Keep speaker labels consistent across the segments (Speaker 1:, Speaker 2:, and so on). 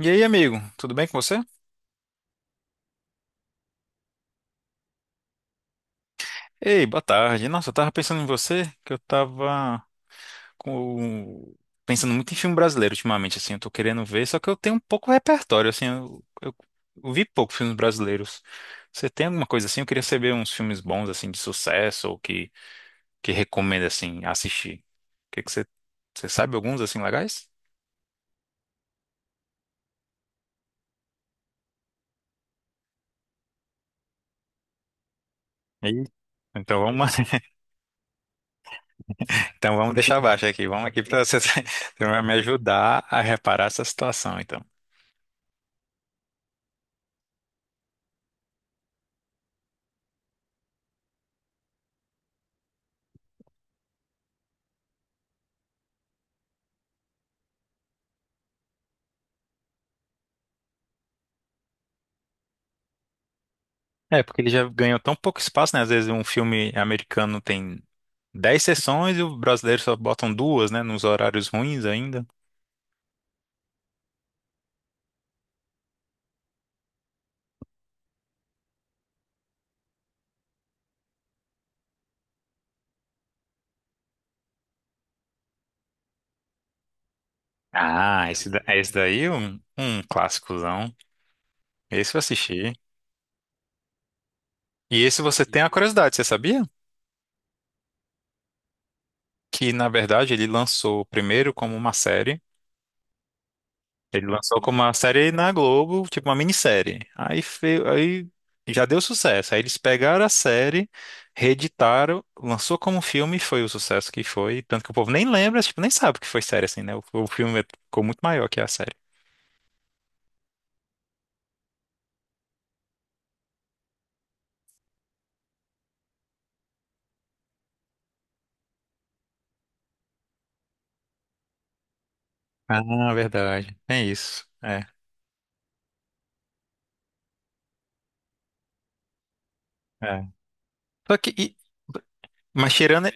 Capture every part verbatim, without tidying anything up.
Speaker 1: E aí, amigo, tudo bem com você? Ei, boa tarde. Nossa, eu tava pensando em você, que eu tava com... pensando muito em filme brasileiro ultimamente, assim, eu tô querendo ver, só que eu tenho um pouco repertório, assim, eu, eu, eu vi pouco filmes brasileiros. Você tem alguma coisa assim? Eu queria saber uns filmes bons, assim, de sucesso, ou que, que recomenda, assim, assistir. O que que você... Você sabe alguns, assim, legais? Ih. Então vamos, então vamos deixar abaixo aqui, vamos aqui pra você, você vai me ajudar a reparar essa situação, então. É, porque ele já ganhou tão pouco espaço, né? Às vezes um filme americano tem dez sessões e o brasileiro só botam duas, né? Nos horários ruins ainda. Ah, esse, da- esse daí é um, um clássicozão. Esse eu assisti. E esse você tem a curiosidade, você sabia? Que, na verdade, ele lançou primeiro como uma série. Ele lançou como uma série na Globo, tipo uma minissérie. Aí, fe- aí já deu sucesso. Aí eles pegaram a série, reeditaram, lançou como um filme e foi o sucesso que foi. Tanto que o povo nem lembra, tipo, nem sabe que foi série assim, né? O, o filme é, ficou muito maior que a série. Ah, verdade. É isso. É. É. Só que, e- mas tirando,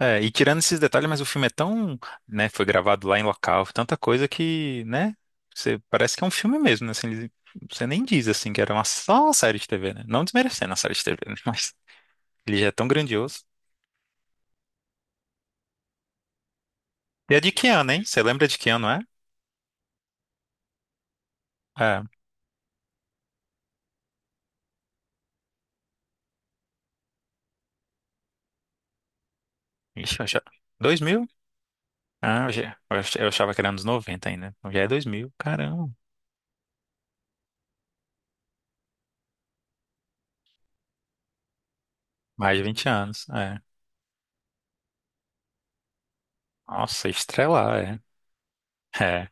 Speaker 1: é, e tirando esses detalhes, mas o filme é tão, né, foi gravado lá em local, tanta coisa que, né, você parece que é um filme mesmo, né, assim, ele- você nem diz, assim, que era uma, só uma série de T V, né, não desmerecendo a série de T V, né, mas ele já é tão grandioso. E é de que ano, hein? Você lembra de que ano, é? É, ixi, eu já, dois mil? Ah, eu, já- eu ach- eu achava que era anos noventa ainda, então já é dois mil? Caramba, mais de vinte anos, é. Nossa, estrela, é. É.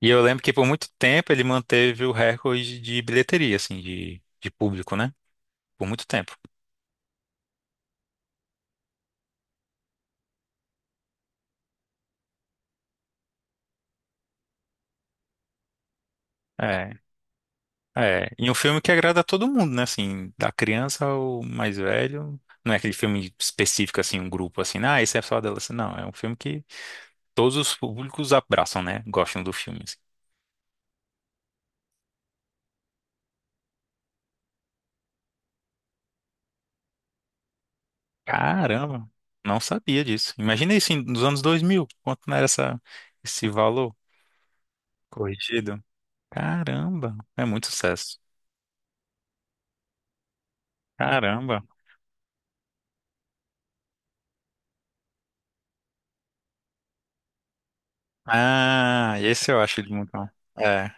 Speaker 1: E eu lembro que por muito tempo ele manteve o recorde de bilheteria, assim, de, de público, né? Por muito tempo. É, é. E um filme que agrada a todo mundo, né? Assim, da criança ao mais velho. Não é aquele filme específico, assim, um grupo, assim, ah, esse é só adolescente. Não, é um filme que todos os públicos abraçam, né? Gostam do filme, assim. Caramba, não sabia disso. Imagina isso em- nos anos dois mil quanto não era essa, esse valor corrigido. Caramba, é muito sucesso. Caramba. Ah, esse eu acho ele muito bom. É.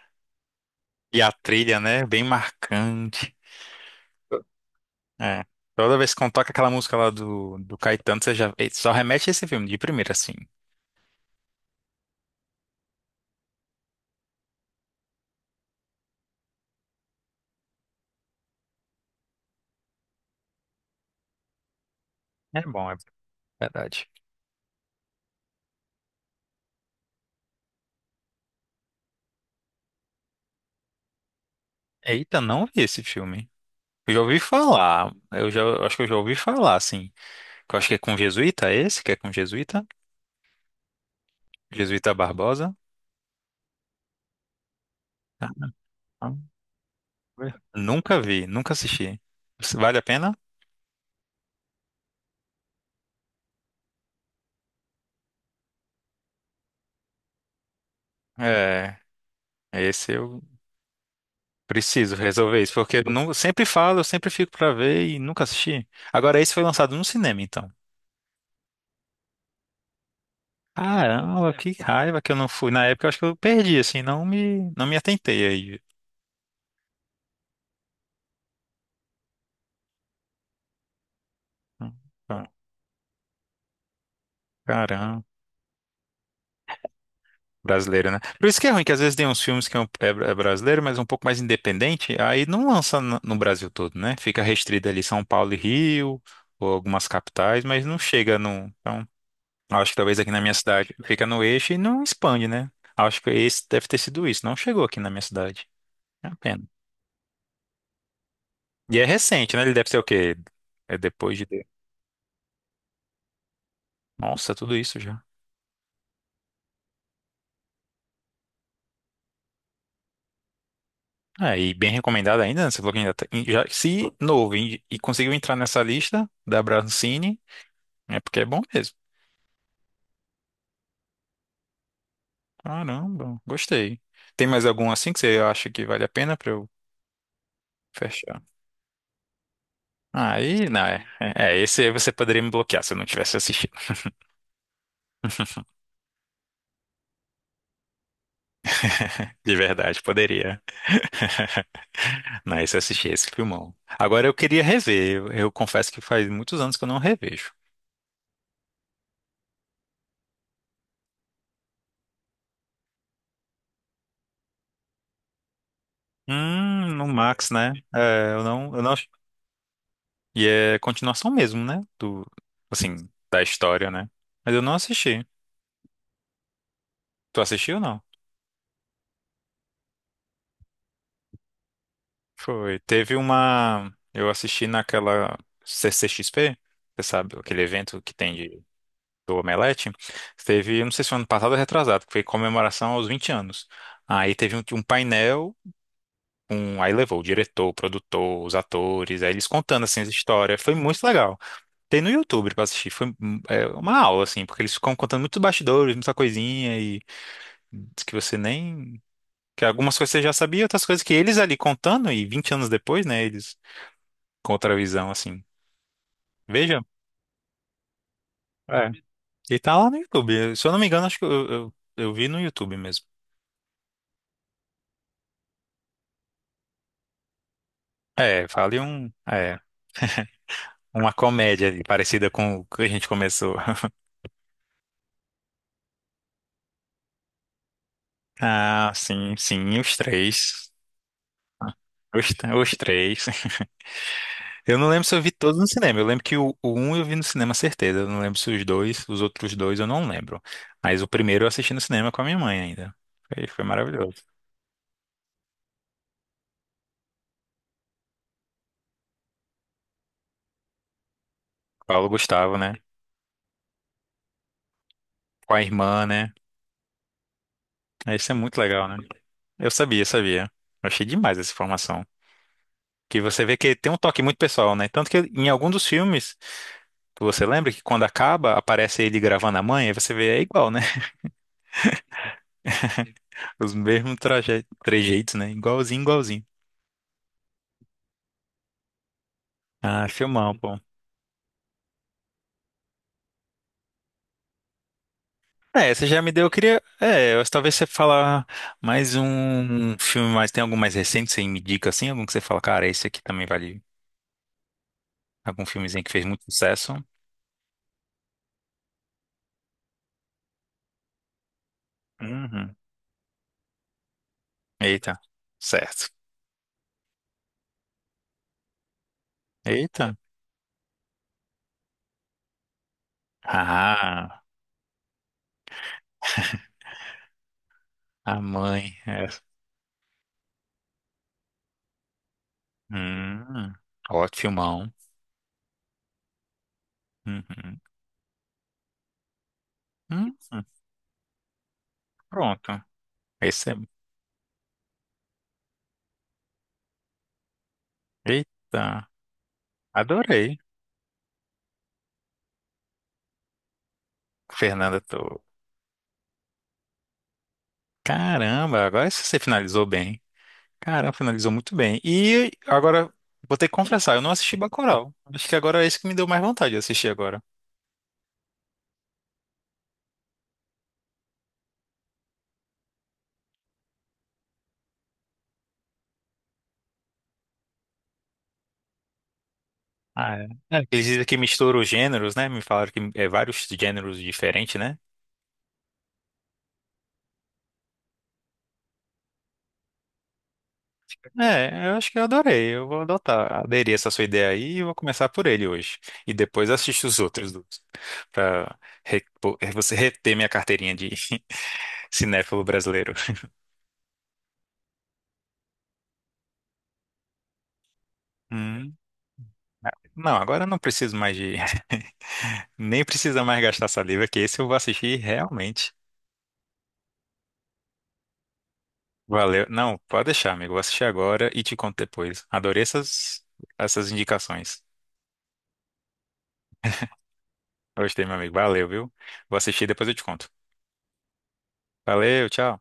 Speaker 1: E a trilha, né? Bem marcante. É. Toda vez que eu toco aquela música lá do, do Caetano, você já ele só remete a esse filme de primeira, assim. É bom, é verdade. Eita, não vi esse filme. Eu já ouvi falar. Eu já, eu acho que eu já ouvi falar, assim. Que eu acho que é com jesuíta, é esse que é com jesuíta? Jesuíta Barbosa? Ah. Nunca vi, nunca assisti. Vale a pena? É, esse eu preciso resolver isso, porque eu não, sempre falo, eu sempre fico pra ver e nunca assisti. Agora, esse foi lançado no cinema, então. Caramba, que raiva que eu não fui. Na época, eu acho que eu perdi, assim, não me, não me atentei aí. Caramba, brasileiro, né? Por isso que é ruim, que às vezes tem uns filmes que é, um- é é brasileiro, mas um pouco mais independente, aí não lança no, no Brasil todo, né? Fica restrito ali São Paulo e Rio, ou algumas capitais, mas não chega num. Acho que talvez aqui na minha cidade fica no eixo e não expande, né? Acho que esse deve ter sido isso. Não chegou aqui na minha cidade. É uma pena. E é recente, né? Ele deve ser o quê? É depois de. Nossa, tudo isso já. É, e bem recomendado ainda, né? Você falou que ainda tá... e já, se novo e, e conseguiu entrar nessa lista da Brancine, é porque é bom mesmo. Caramba, gostei. Tem mais algum assim que você acha que vale a pena pra eu fechar? Aí, não, é, é, é, esse aí você poderia me bloquear se eu não tivesse assistido. De verdade, poderia. Não, esse eu assisti, esse filmão. Agora eu queria rever. Eu, eu confesso que faz muitos anos que eu não revejo. Hum, no Max, né? É, eu não, eu não. E é continuação mesmo, né? Do, assim, da história, né? Mas eu não assisti. Tu assistiu ou não? Foi. Teve uma. Eu assisti naquela C C X P, você sabe, aquele evento que tem de, do Omelete. Teve, eu não sei se foi ano passado ou retrasado, que foi comemoração aos vinte anos. Aí teve um, um painel. Um, aí levou o diretor, o produtor, os atores, aí eles contando assim as histórias. Foi muito legal. Tem no YouTube pra assistir. Foi hum, é, uma aula assim, porque eles ficam contando muitos bastidores, muita coisinha e diz que você nem, que algumas coisas você já sabia, outras coisas que eles ali contando e vinte anos depois, né, eles com outra visão assim. Veja, é. E tá lá no YouTube. Se eu não me engano, acho que eu, eu, eu vi no YouTube mesmo. É, fale um, é, uma comédia ali, parecida com o que a gente começou. Ah, sim, sim, os três. Os, t- os três. Eu não lembro se eu vi todos no cinema. Eu lembro que o, o um eu vi no cinema, certeza. Eu não lembro se os dois, os outros dois eu não lembro. Mas o primeiro eu assisti no cinema com a minha mãe ainda. Foi, foi maravilhoso. Paulo Gustavo, né? Com a irmã, né? Isso é muito legal, né? Eu sabia, sabia. Eu achei demais essa informação. Que você vê que tem um toque muito pessoal, né? Tanto que em algum dos filmes, você lembra que quando acaba, aparece ele gravando a mãe, aí você vê, é igual, né? Os mesmos traje- trejeitos, né? Igualzinho, igualzinho. Ah, filmão, pô. É, você já me deu, eu queria. É, eu- talvez você falar mais um filme, mas tem algum mais recente, você me indica assim? Algum que você fala, cara, esse aqui também vale. Algum filmezinho que fez muito sucesso? Uhum. Eita, certo. Eita. Ah, a mãe. É. Hum, ótimo, filmão. Uhum. Hum, pronto. Esse é. Eita, adorei. Fernanda, tô. Caramba, agora você finalizou bem. Caramba, finalizou muito bem. E agora, vou ter que confessar, eu não assisti Bacurau. Acho que agora é isso que me deu mais vontade de assistir agora. Ah, é. É, eles dizem que mistura os gêneros, né? Me falaram que é vários gêneros diferentes, né? É, eu acho que eu adorei. Eu vou adotar, aderir essa sua ideia aí e vou começar por ele hoje. E depois assisto os outros dois, pra repo- você reter minha carteirinha de cinéfilo brasileiro. Não, agora eu não preciso mais de. Nem precisa mais gastar saliva, que esse eu vou assistir realmente. Valeu. Não, pode deixar, amigo. Vou assistir agora e te conto depois. Adorei essas, essas indicações. Gostei, meu amigo. Valeu, viu? Vou assistir e depois eu te conto. Valeu, tchau.